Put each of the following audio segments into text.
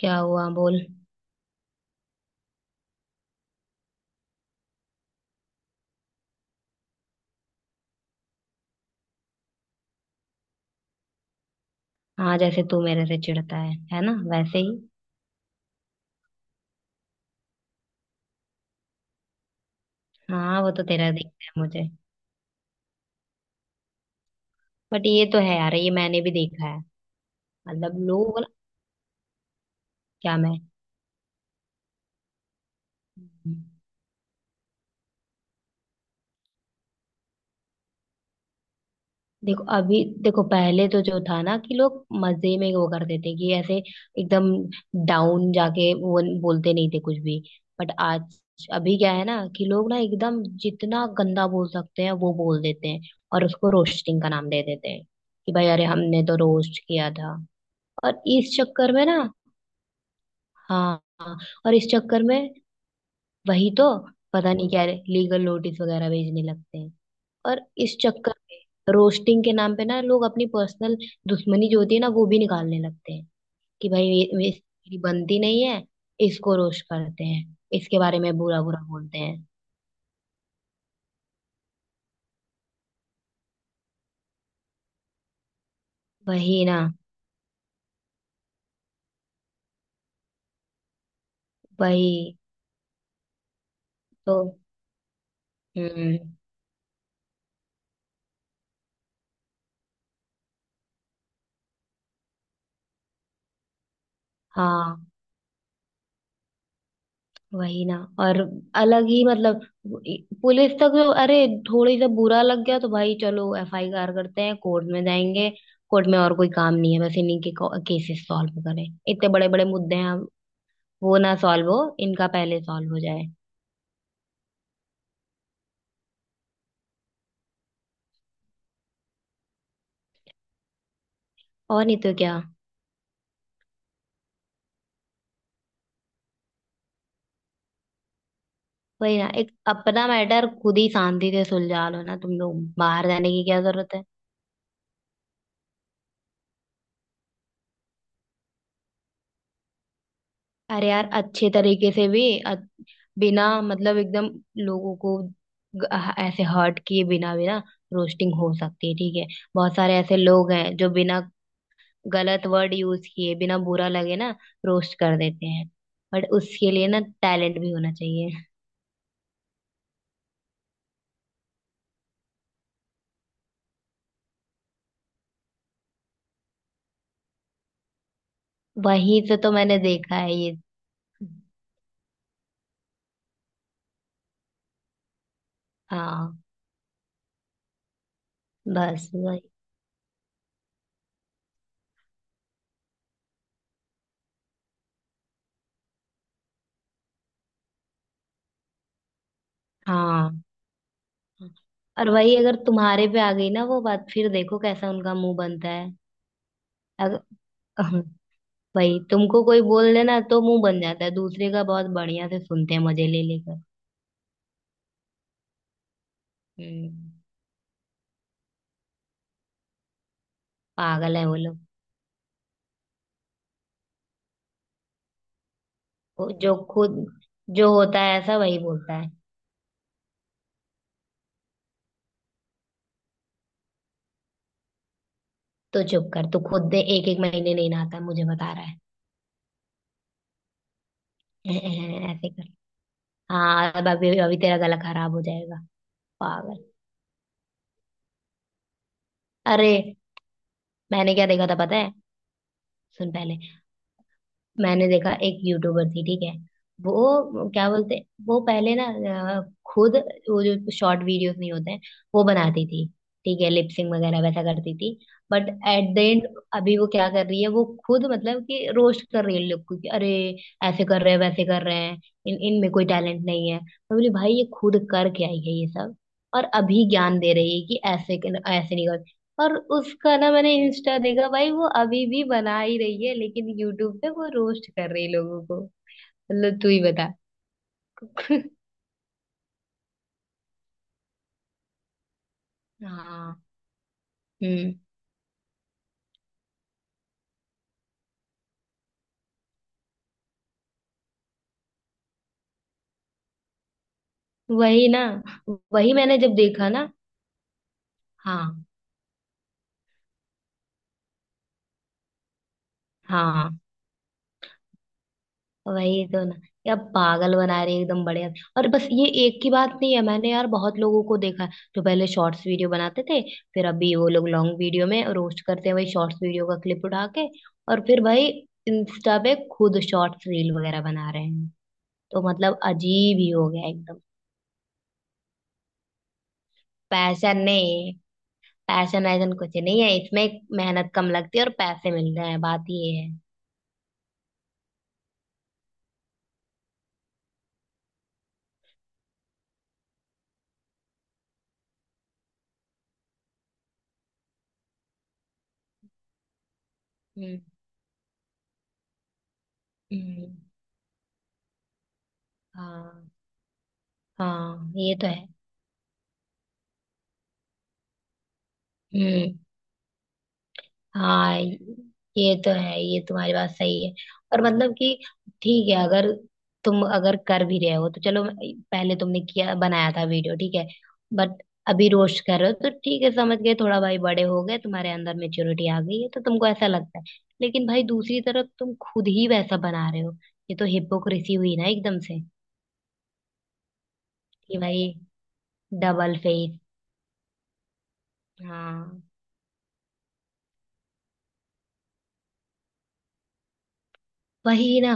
क्या हुआ बोल। हाँ, जैसे तू मेरे से चिढ़ता है ना, वैसे ही। हाँ वो तो तेरा दिखता है मुझे। बट ये तो है यार, ये मैंने भी देखा है। मतलब लोग ना- क्या मैं, देखो अभी देखो, पहले तो जो था ना कि लोग मजे में वो करते थे कि ऐसे एकदम डाउन जाके वो बोलते नहीं थे कुछ भी। बट आज अभी क्या है ना कि लोग ना एकदम जितना गंदा बोल सकते हैं वो बोल देते हैं, और उसको रोस्टिंग का नाम दे देते हैं कि भाई अरे हमने तो रोस्ट किया था। और इस चक्कर में ना, हाँ हाँ, और इस चक्कर में, वही तो, पता नहीं क्या लीगल नोटिस वगैरह भेजने लगते हैं। और इस चक्कर में रोस्टिंग के नाम पे ना लोग अपनी पर्सनल दुश्मनी जो होती है ना वो भी निकालने लगते हैं कि भाई ये इसकी बनती नहीं है, इसको रोस्ट करते हैं, इसके बारे में बुरा बुरा बोलते हैं। वही ना। वही तो। हम्म। हाँ। वही ना। और अलग ही मतलब, पुलिस तक तो, अरे थोड़ी सा बुरा लग गया तो भाई चलो एफ आई आर करते हैं, कोर्ट में जाएंगे। कोर्ट में और कोई काम नहीं है बस इन्हीं के केसेस सॉल्व करें। इतने बड़े बड़े मुद्दे हैं वो ना सॉल्व हो, इनका पहले सॉल्व हो जाए। और नहीं तो क्या। वही ना, एक अपना मैटर खुद ही शांति से सुलझा लो ना, तुम लोग बाहर जाने की क्या जरूरत है। अरे यार अच्छे तरीके से भी बिना मतलब, एकदम लोगों को ग- ऐसे हर्ट किए बिना बिना रोस्टिंग हो सकती है, ठीक है। बहुत सारे ऐसे लोग हैं जो बिना गलत वर्ड यूज किए, बिना बुरा लगे ना, रोस्ट कर देते हैं। बट उसके लिए ना टैलेंट भी होना चाहिए। वहीं से तो मैंने देखा है ये। हाँ। बस वही। हाँ। और वही अगर तुम्हारे पे आ गई ना वो बात, फिर देखो कैसा उनका मुंह बनता है। अगर भाई तुमको कोई बोल देना तो मुंह बन जाता है, दूसरे का बहुत बढ़िया से सुनते हैं मजे ले लेकर। हम्म। पागल है वो लोग। वो जो खुद, जो होता है ऐसा वही बोलता है। तो चुप कर तू, खुद दे एक एक महीने नहीं नहाता है, मुझे बता रहा है। ऐसे कर। हाँ अब अभी अभी तेरा गला खराब हो जाएगा। पागल। अरे मैंने क्या देखा था पता है। सुन पहले। मैंने देखा एक यूट्यूबर थी, ठीक है। वो क्या बोलते हैं, वो पहले ना अ, खुद वो जो शॉर्ट वीडियोस नहीं होते हैं वो बनाती थी। ठीक है, लिपसिंग वगैरह वैसा करती थी। बट एट द एंड अभी वो क्या कर रही है, वो खुद मतलब कि रोस्ट कर रही है लोग को कि अरे ऐसे कर रहे हैं, वैसे कर रहे हैं, इन इनमें कोई टैलेंट नहीं है। मैं बोली भाई ये खुद करके आई है ये सब। और अभी ज्ञान दे रही है कि ऐसे, ऐसे नहीं। और उसका ना मैंने इंस्टा देखा भाई, वो अभी भी बना ही रही है, लेकिन यूट्यूब पे वो रोस्ट कर रही है लोगों को। मतलब तू ही बता। हाँ। हम्म। वही ना। वही, मैंने जब देखा ना। हाँ। हाँ। वही तो ना। यार पागल बना रही है एकदम, बढ़िया। और बस ये एक की बात नहीं है, मैंने यार बहुत लोगों को देखा है जो पहले शॉर्ट्स वीडियो बनाते थे, फिर अभी वो लोग लॉन्ग वीडियो में रोस्ट करते हैं वही शॉर्ट्स वीडियो का क्लिप उठा के। और फिर भाई इंस्टा पे खुद शॉर्ट्स रील वगैरह बना रहे हैं। तो मतलब अजीब ही हो गया एकदम। पैशन नहीं, पैशन ऐसा कुछ नहीं है, इसमें मेहनत कम लगती है और पैसे मिल रहे हैं, बात ये है। हम्म। हम्म। हाँ। हाँ, ये तो है। हम्म। हाँ ये तो है, ये तुम्हारी बात सही है। और मतलब कि ठीक है, अगर तुम अगर कर भी रहे हो तो चलो, पहले तुमने किया बनाया था वीडियो, ठीक है। बट अभी रोस्ट कर रहे हो तो ठीक है, समझ गए, थोड़ा भाई बड़े हो गए, तुम्हारे अंदर मेच्योरिटी आ गई है तो तुमको ऐसा लगता है। लेकिन भाई दूसरी तरफ तुम खुद ही वैसा बना रहे हो, ये तो हिपोक्रेसी हुई ना एकदम से। कि भाई डबल फेस। हाँ। वही ना।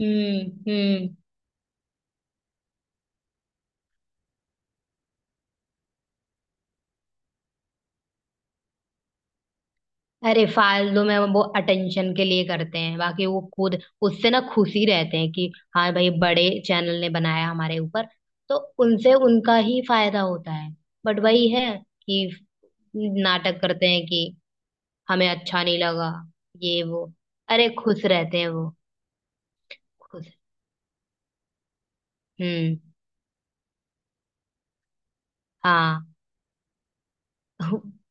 हम्म। हम्म। अरे फालतू में वो अटेंशन के लिए करते हैं, बाकी वो खुद उससे ना खुशी रहते हैं कि हाँ भाई बड़े चैनल ने बनाया हमारे ऊपर, तो उनसे उनका ही फायदा होता है। बट वही है कि नाटक करते हैं कि हमें अच्छा नहीं लगा, ये वो। अरे खुश रहते हैं वो। खुश। हम्म। हाँ।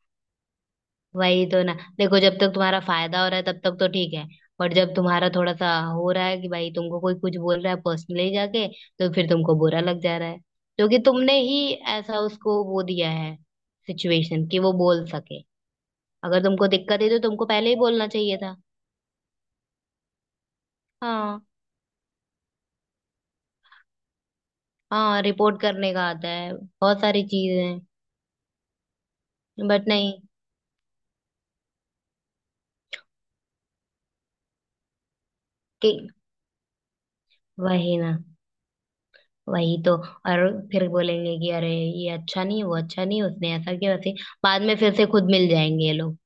वही तो ना। देखो जब तक तुम्हारा फायदा हो रहा है तब तक तो ठीक है, बट जब तुम्हारा थोड़ा सा हो रहा है कि भाई तुमको कोई कुछ बोल रहा है पर्सनली जाके, तो फिर तुमको बुरा लग जा रहा है, क्योंकि तुमने ही ऐसा उसको वो दिया है, सिचुएशन कि वो बोल सके। अगर तुमको दिक्कत है तो तुमको पहले ही बोलना चाहिए था। हाँ। हाँ रिपोर्ट करने का आता है, बहुत सारी चीजें हैं। बट नहीं, कि वही ना, वही तो। और फिर बोलेंगे कि अरे ये अच्छा नहीं, वो अच्छा नहीं, उसने ऐसा किया वैसे, बाद में फिर से खुद मिल जाएंगे ये लोग।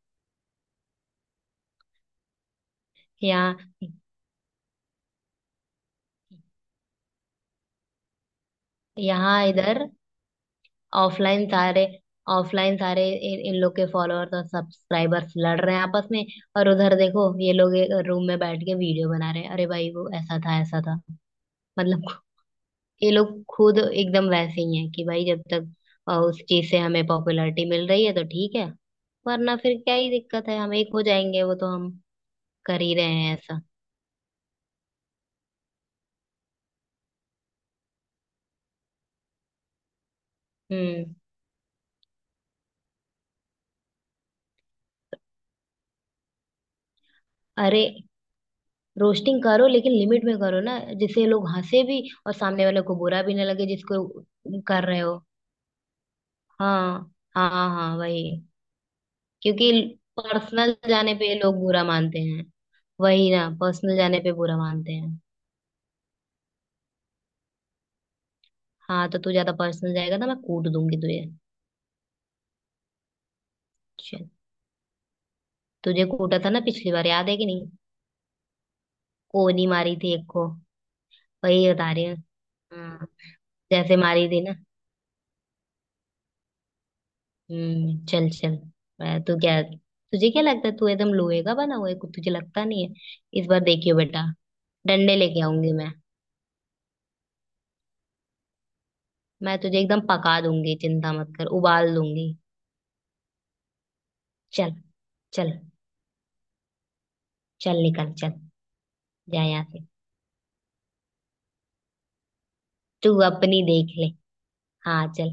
यहाँ। यहाँ इधर। ऑफलाइन सारे, ऑफलाइन सारे इन लोग के फॉलोअर्स और सब्सक्राइबर्स लड़ रहे हैं आपस में। और उधर देखो ये लोग रूम में बैठ के वीडियो बना रहे हैं, अरे भाई वो ऐसा था, ऐसा था। मतलब ये लोग खुद एकदम वैसे ही हैं, कि भाई जब तक उस चीज से हमें पॉपुलैरिटी मिल रही है तो ठीक है, वरना फिर क्या ही दिक्कत है, हम एक हो जाएंगे, वो तो हम कर ही रहे हैं ऐसा। हम्म। अरे रोस्टिंग करो लेकिन लिमिट में करो ना, जिससे लोग हंसे भी और सामने वाले को बुरा भी ना लगे जिसको कर रहे हो। हाँ हाँ हाँ, वही। क्योंकि पर्सनल जाने पे लोग बुरा मानते हैं। वही ना, पर्सनल जाने पे बुरा मानते हैं। हाँ तो तू ज्यादा पर्सनल जाएगा ना, मैं कूट दूंगी तुझे। चल, तुझे कूटा था ना पिछली बार, याद है कि नहीं। कोनी मारी थी एक को। वही बता रही हूँ। हाँ, जैसे मारी थी ना। हम्म, चल चल। मैं तो क्या, तुझे क्या लगता है तू एकदम लोहे का बना हुआ है, कुछ तुझे लगता नहीं है। इस बार देखियो बेटा, डंडे लेके आऊंगी मैं। मैं तुझे एकदम पका दूंगी, चिंता मत कर, उबाल दूंगी। चल। चल चल निकल चल, जा यहाँ से। तू अपनी देख ले। हाँ चल।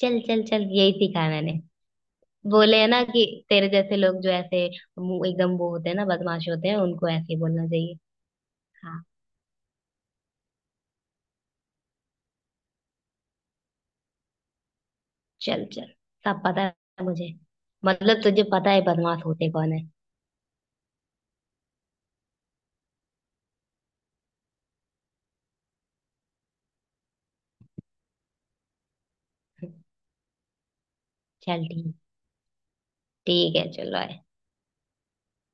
चल चल चल, यही सीखा है मैंने। बोले है ना कि तेरे जैसे लोग, जो ऐसे एकदम वो होते हैं ना, बदमाश होते हैं, उनको ऐसे ही बोलना चाहिए। हाँ चल चल, सब पता है मुझे, मतलब तुझे पता है बदमाश होते कौन है। चल ठीक। ठीक है, चलो आए।